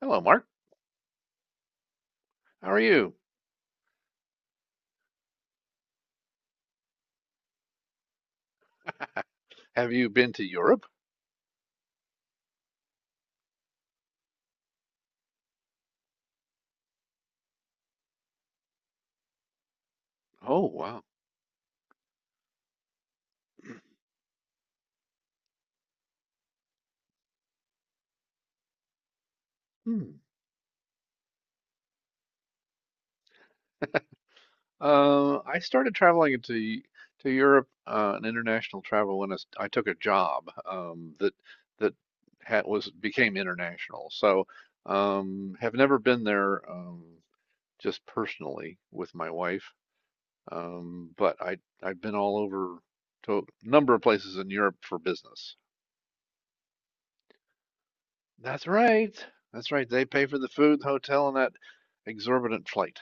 Hello, Mark. How are you? Have you been to Europe? Oh, wow. Hmm. I started traveling to Europe, an international travel when I took a job um, that that was became international. So, have never been there just personally with my wife, but I've been all over to a number of places in Europe for business. That's right. That's right. They pay for the food, the hotel, and that exorbitant flight.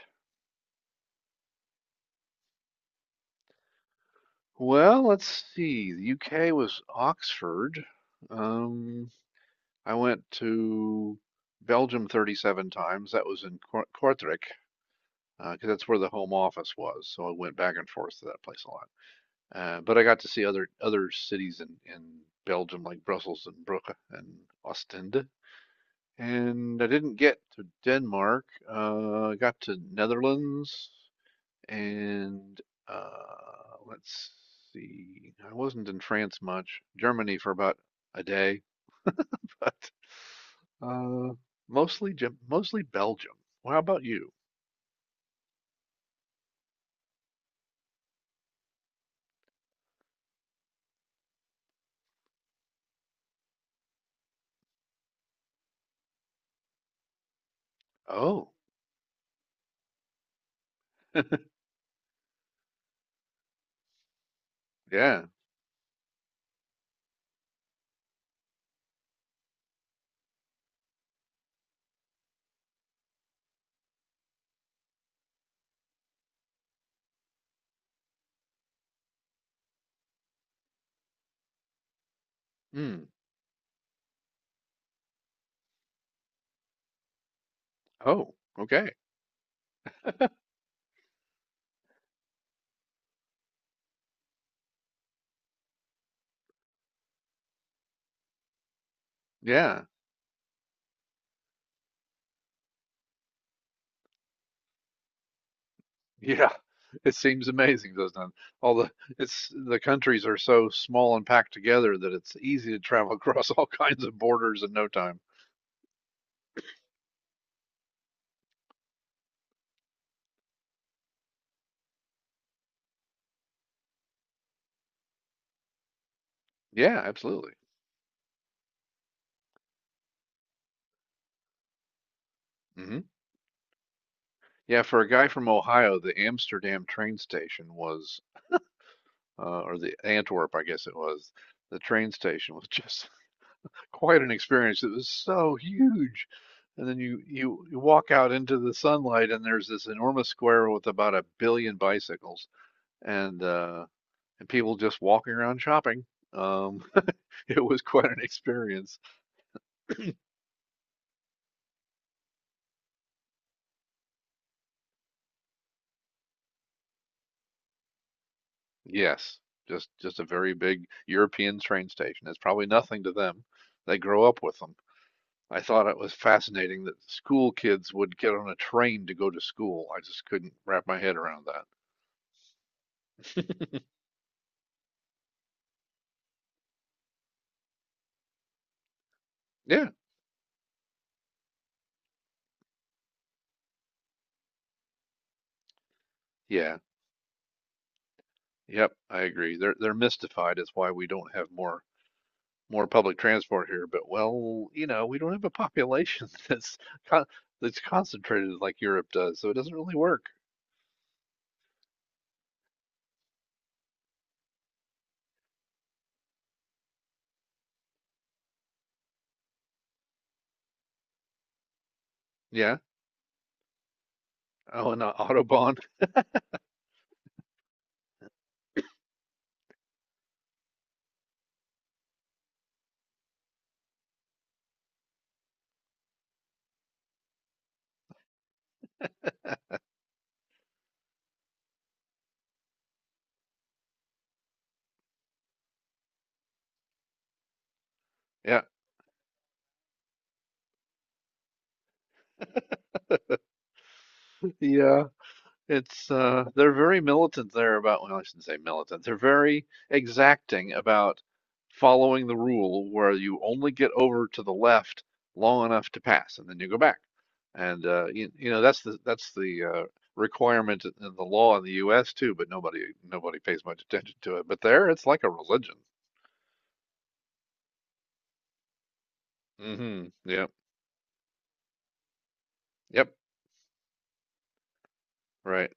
Well, let's see. The UK was Oxford. Um, I went to Belgium 37 times. That was in Kortrijk, 'cause that's where the home office was. So I went back and forth to that place a lot. But I got to see other cities in Belgium, like Brussels and Brugge and Ostend. And I didn't get to Denmark. I got to Netherlands and let's see. I wasn't in France much. Germany for about a day, but uh, mostly mostly Belgium. Well, how about you? Oh, yeah. Mm. Oh, okay. Yeah. Yeah. It seems amazing, doesn't it? All the it's the countries are so small and packed together that it's easy to travel across all kinds of borders in no time. Yeah, absolutely. Hmm. Yeah, for a guy from Ohio, the Amsterdam train station was, or the Antwerp, I guess it was, the train station was just quite an experience. It was so huge. And then you walk out into the sunlight, and there's this enormous square with about a billion bicycles and uh, and people just walking around shopping. Um, it was quite an experience. Yes, just a very big European train station. It's probably nothing to them. They grow up with them. I thought it was fascinating that school kids would get on a train to go to school. I just couldn't wrap my head around that. Yeah, yeah, yep, I agree. They're mystified is why we don't have more more public transport here. But well, you know, we don't have a population con that's concentrated like Europe does, so it doesn't really work. Yeah. Oh, and Autobahn. Yeah. Yeah. It's they're very militant there about, well, I shouldn't say militant. They're very exacting about following the rule where you only get over to the left long enough to pass, and then you go back. And you know that's the requirement in the law in the U.S. too, but nobody pays much attention to it. But there, it's like a religion. Mm hmm Yep. Yep. Right.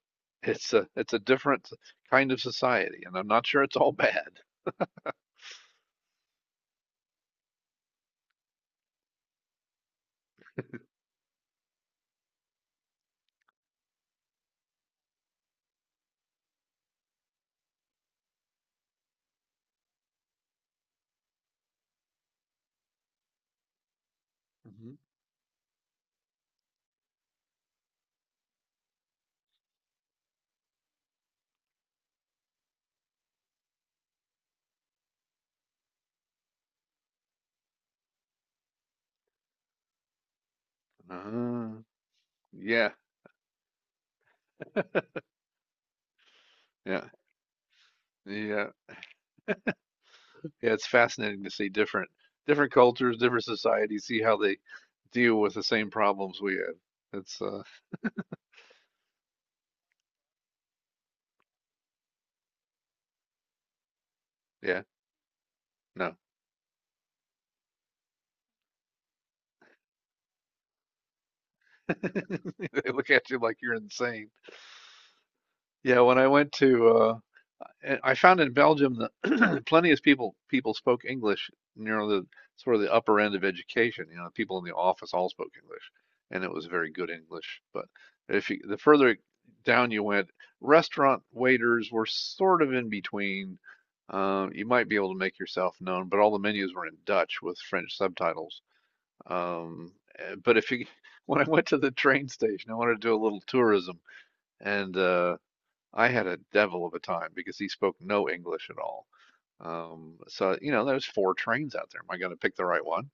It's a different kind of society, and I'm not sure it's all bad. Mm hmm yeah. Yeah. Yeah, yeah, it's fascinating to see different different cultures, different societies, see how they deal with the same problems we have. It's yeah, no, they look at you like you're insane. Yeah, when I went to I found in Belgium that plenty of people spoke English. You know, the sort of the upper end of education. You know, people in the office all spoke English, and it was very good English. But if you, the further down you went, restaurant waiters were sort of in between. You might be able to make yourself known, but all the menus were in Dutch with French subtitles. Um, eh, but if you, when I went to the train station, I wanted to do a little tourism, and I had a devil of a time because he spoke no English at all. So, you know, there's four trains out there. Am I going to pick the right one?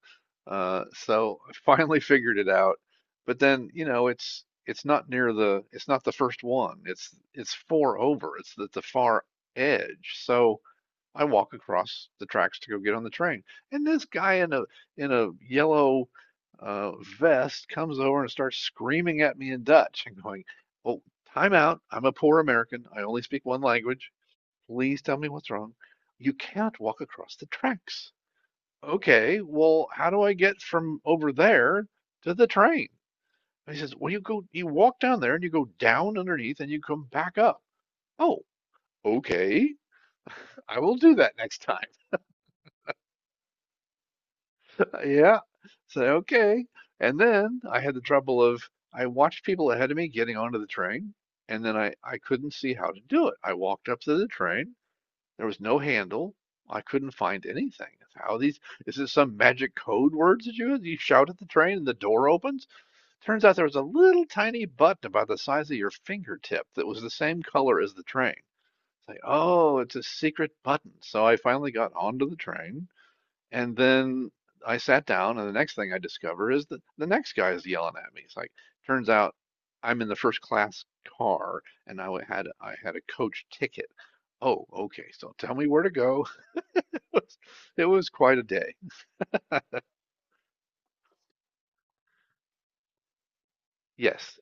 So I finally figured it out. But then, you know, it's not near the it's not the first one. It's four over. It's at the far edge. So I walk across the tracks to go get on the train, and this guy in a yellow uh, vest comes over and starts screaming at me in Dutch and going, "Oh, time out! I'm a poor American. I only speak one language. Please tell me what's wrong. You can't walk across the tracks." Okay, well, how do I get from over there to the train? And he says, "Well, you walk down there and you go down underneath and you come back up." Oh, okay, I will do that next time. Yeah. So, okay. And then I had the trouble of I watched people ahead of me getting onto the train, and then I couldn't see how to do it. I walked up to the train. There was no handle. I couldn't find anything. How these, is this some magic code words that you shout at the train and the door opens? Turns out there was a little tiny button about the size of your fingertip that was the same color as the train. It's like, oh, it's a secret button. So I finally got onto the train and then I sat down, and the next thing I discover is that the next guy is yelling at me. It's like, turns out I'm in the first class car, and I had a coach ticket. Oh, okay. So tell me where to go. It was quite a day. Yes,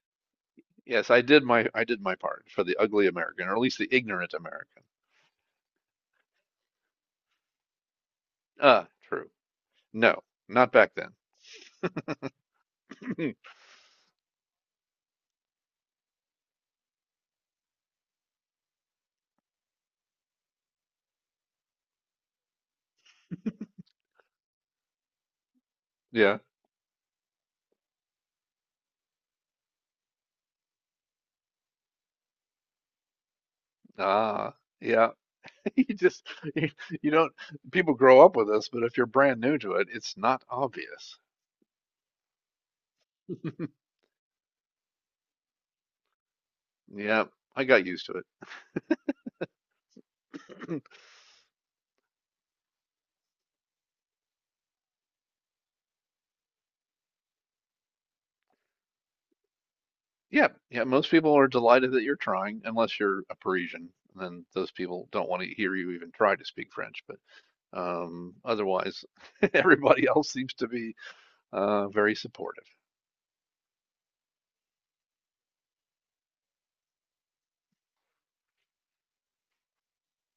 yes, I did my part for the ugly American, or at least the ignorant American. Ah, true. No, not back then. Yeah. Ah, yeah. You just you, you don't people grow up with this, but if you're brand new to it, it's not obvious. Yeah, I got used to it. Yeah, yeah, most people are delighted that you're trying, unless you're a Parisian. Then those people don't want to hear you even try to speak French. But otherwise, everybody else seems to be very supportive.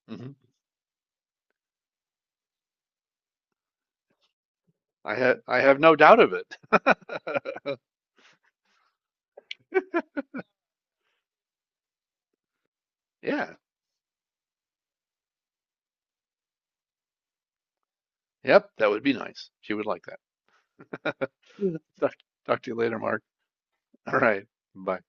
Hmm. I have no doubt of it. Yeah, yep, that would be nice. She would like that. Talk, talk to you later, Mark. All right, bye.